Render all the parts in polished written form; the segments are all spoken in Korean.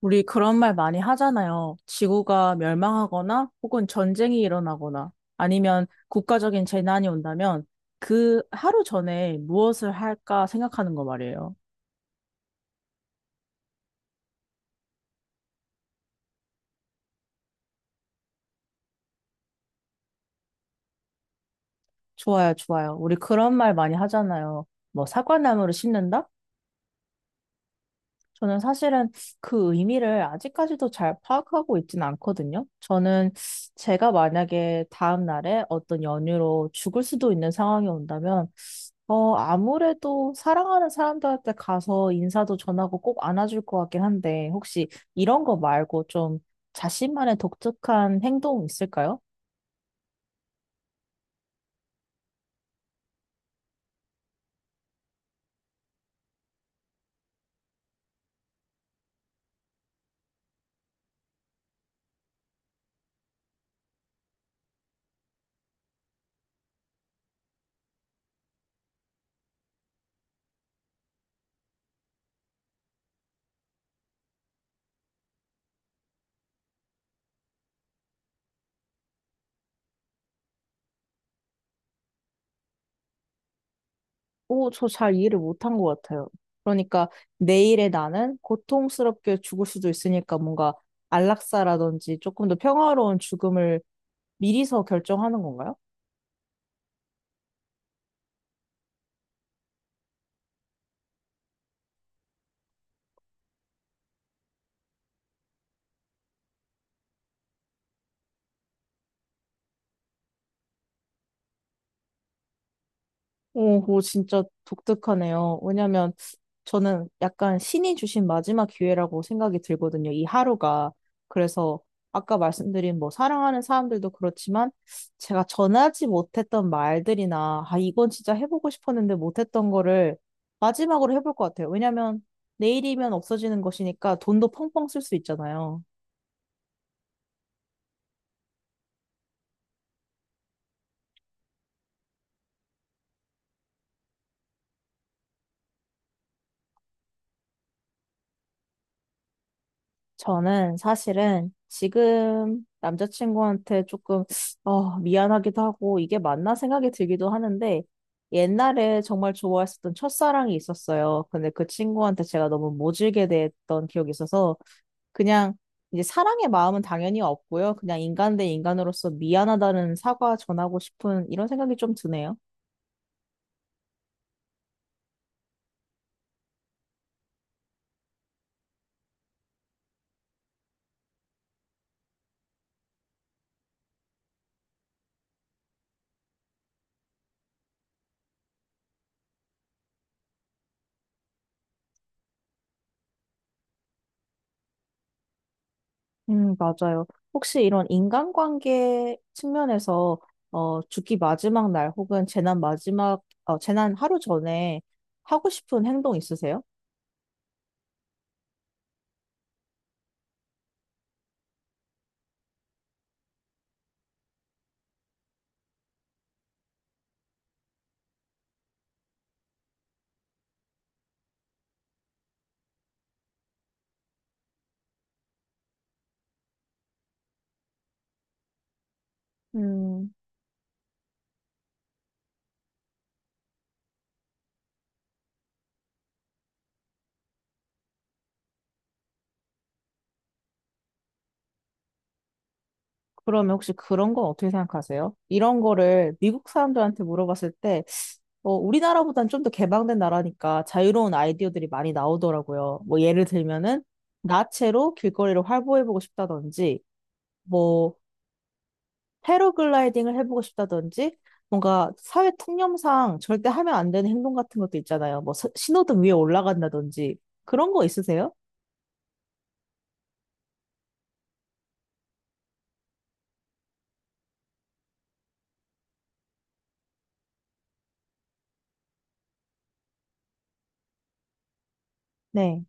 우리 그런 말 많이 하잖아요. 지구가 멸망하거나 혹은 전쟁이 일어나거나 아니면 국가적인 재난이 온다면 그 하루 전에 무엇을 할까 생각하는 거 말이에요. 좋아요, 좋아요. 우리 그런 말 많이 하잖아요. 뭐 사과나무를 심는다? 저는 사실은 그 의미를 아직까지도 잘 파악하고 있지는 않거든요. 저는 제가 만약에 다음 날에 어떤 연유로 죽을 수도 있는 상황이 온다면 아무래도 사랑하는 사람들한테 가서 인사도 전하고 꼭 안아줄 것 같긴 한데, 혹시 이런 거 말고 좀 자신만의 독특한 행동 있을까요? 오, 저 잘 이해를 못한 것 같아요. 그러니까 내일의 나는 고통스럽게 죽을 수도 있으니까 뭔가 안락사라든지 조금 더 평화로운 죽음을 미리서 결정하는 건가요? 오, 그거 진짜 독특하네요. 왜냐면 저는 약간 신이 주신 마지막 기회라고 생각이 들거든요. 이 하루가. 그래서 아까 말씀드린 뭐 사랑하는 사람들도 그렇지만 제가 전하지 못했던 말들이나 아, 이건 진짜 해보고 싶었는데 못했던 거를 마지막으로 해볼 것 같아요. 왜냐면 내일이면 없어지는 것이니까 돈도 펑펑 쓸 수 있잖아요. 저는 사실은 지금 남자친구한테 조금 미안하기도 하고 이게 맞나 생각이 들기도 하는데 옛날에 정말 좋아했었던 첫사랑이 있었어요. 근데 그 친구한테 제가 너무 모질게 대했던 기억이 있어서 그냥 이제 사랑의 마음은 당연히 없고요. 그냥 인간 대 인간으로서 미안하다는 사과 전하고 싶은 이런 생각이 좀 드네요. 맞아요. 혹시 이런 인간관계 측면에서 죽기 마지막 날 혹은 재난 마지막, 재난 하루 전에 하고 싶은 행동 있으세요? 음, 그러면 혹시 그런 건 어떻게 생각하세요? 이런 거를 미국 사람들한테 물어봤을 때, 우리나라보단 좀 더 개방된 나라니까 자유로운 아이디어들이 많이 나오더라고요. 뭐 예를 들면은 나체로 길거리를 활보해보고 싶다든지, 뭐 패러글라이딩을 해보고 싶다든지 뭔가 사회 통념상 절대 하면 안 되는 행동 같은 것도 있잖아요. 뭐 신호등 위에 올라간다든지 그런 거 있으세요? 네.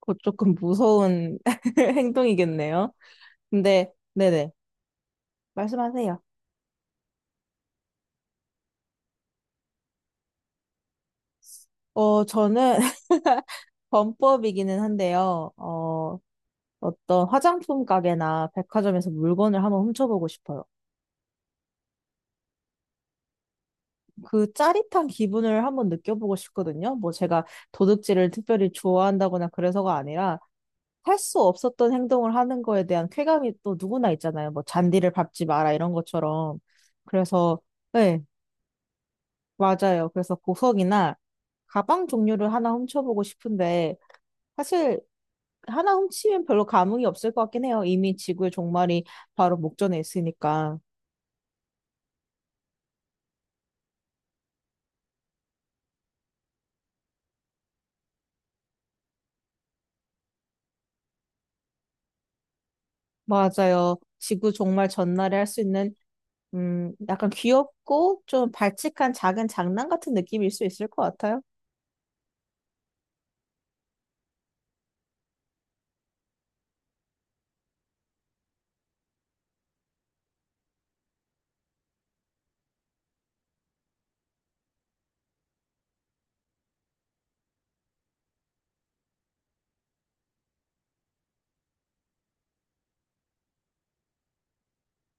그거 조금 무서운 행동이겠네요. 근데 네네. 말씀하세요. 저는 범법이기는 한데요. 어떤 화장품 가게나 백화점에서 물건을 한번 훔쳐보고 싶어요. 그 짜릿한 기분을 한번 느껴보고 싶거든요. 뭐 제가 도둑질을 특별히 좋아한다거나 그래서가 아니라 할 수 없었던 행동을 하는 거에 대한 쾌감이 또 누구나 있잖아요. 뭐 잔디를 밟지 마라 이런 것처럼. 그래서 네, 맞아요. 그래서 보석이나 가방 종류를 하나 훔쳐보고 싶은데 사실 하나 훔치면 별로 감흥이 없을 것 같긴 해요. 이미 지구의 종말이 바로 목전에 있으니까. 맞아요. 지구 종말 전날에 할 수 있는 약간 귀엽고 좀 발칙한 작은 장난 같은 느낌일 수 있을 것 같아요.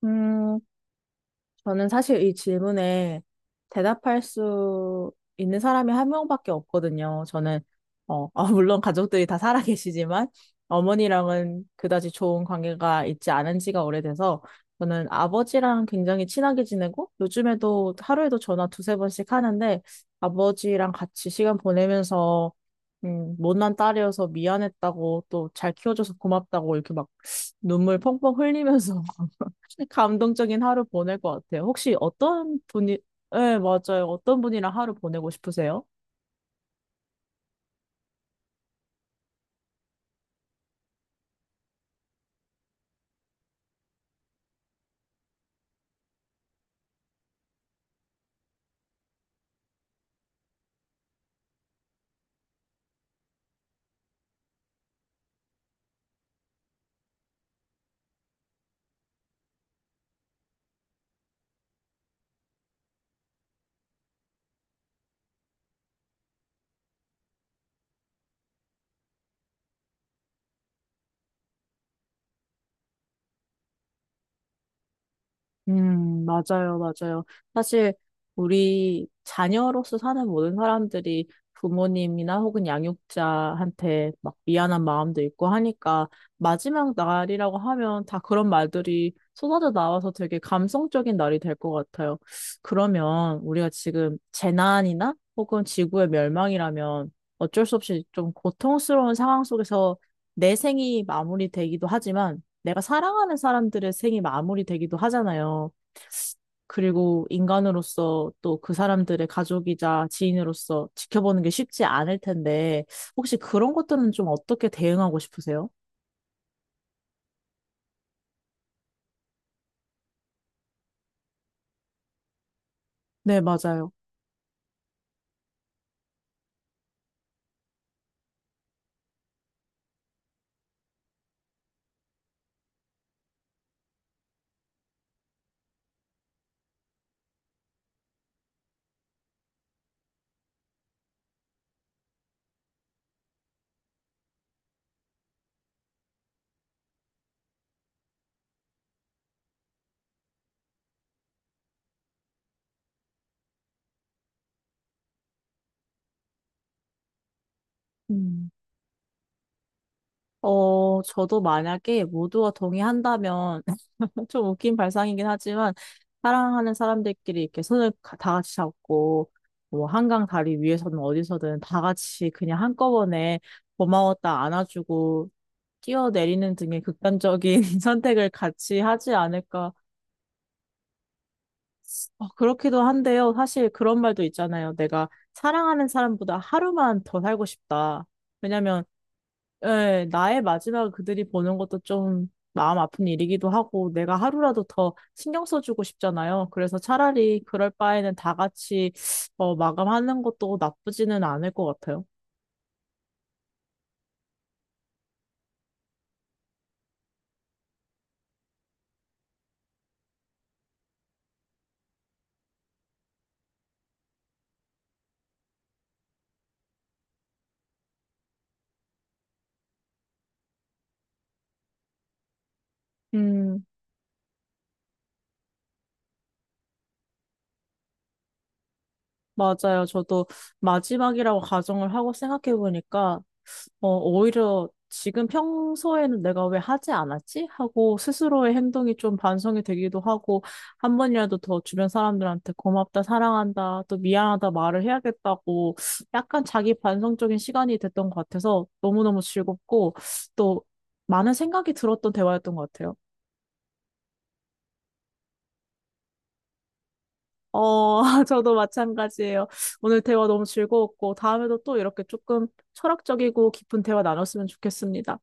음, 저는 사실 이 질문에 대답할 수 있는 사람이 한 명밖에 없거든요. 저는, 물론 가족들이 다 살아 계시지만, 어머니랑은 그다지 좋은 관계가 있지 않은 지가 오래돼서, 저는 아버지랑 굉장히 친하게 지내고, 요즘에도 하루에도 전화 두세 번씩 하는데, 아버지랑 같이 시간 보내면서, 못난 딸이어서 미안했다고, 또 잘 키워줘서 고맙다고, 이렇게 막 눈물 펑펑 흘리면서 감동적인 하루 보낼 것 같아요. 혹시 어떤 분이, 네, 맞아요. 어떤 분이랑 하루 보내고 싶으세요? 맞아요, 맞아요. 사실 우리 자녀로서 사는 모든 사람들이 부모님이나 혹은 양육자한테 막 미안한 마음도 있고 하니까 마지막 날이라고 하면 다 그런 말들이 쏟아져 나와서 되게 감성적인 날이 될 것 같아요. 그러면 우리가 지금 재난이나 혹은 지구의 멸망이라면 어쩔 수 없이 좀 고통스러운 상황 속에서 내 생이 마무리되기도 하지만 내가 사랑하는 사람들의 생이 마무리되기도 하잖아요. 그리고 인간으로서 또 그 사람들의 가족이자 지인으로서 지켜보는 게 쉽지 않을 텐데, 혹시 그런 것들은 좀 어떻게 대응하고 싶으세요? 네, 맞아요. 음. 저도 만약에 모두가 동의한다면, 뭐 좀 웃긴 발상이긴 하지만 사랑하는 사람들끼리 이렇게 손을 다 같이 잡고 뭐 한강 다리 위에서든 어디서든 다 같이 그냥 한꺼번에 고마웠다 안아주고 뛰어내리는 등의 극단적인 선택을 같이 하지 않을까. 그렇기도 한데요. 사실 그런 말도 있잖아요. 내가 사랑하는 사람보다 하루만 더 살고 싶다. 왜냐면 예, 나의 마지막을 그들이 보는 것도 좀 마음 아픈 일이기도 하고, 내가 하루라도 더 신경 써주고 싶잖아요. 그래서 차라리 그럴 바에는 다 같이 마감하는 것도 나쁘지는 않을 것 같아요. 음, 맞아요. 저도 마지막이라고 가정을 하고 생각해보니까 오히려 지금 평소에는 내가 왜 하지 않았지? 하고 스스로의 행동이 좀 반성이 되기도 하고 한 번이라도 더 주변 사람들한테 고맙다, 사랑한다, 또 미안하다 말을 해야겠다고 약간 자기 반성적인 시간이 됐던 것 같아서 너무너무 즐겁고 또 많은 생각이 들었던 대화였던 것 같아요. 어, 저도 마찬가지예요. 오늘 대화 너무 즐거웠고 다음에도 또 이렇게 조금 철학적이고 깊은 대화 나눴으면 좋겠습니다.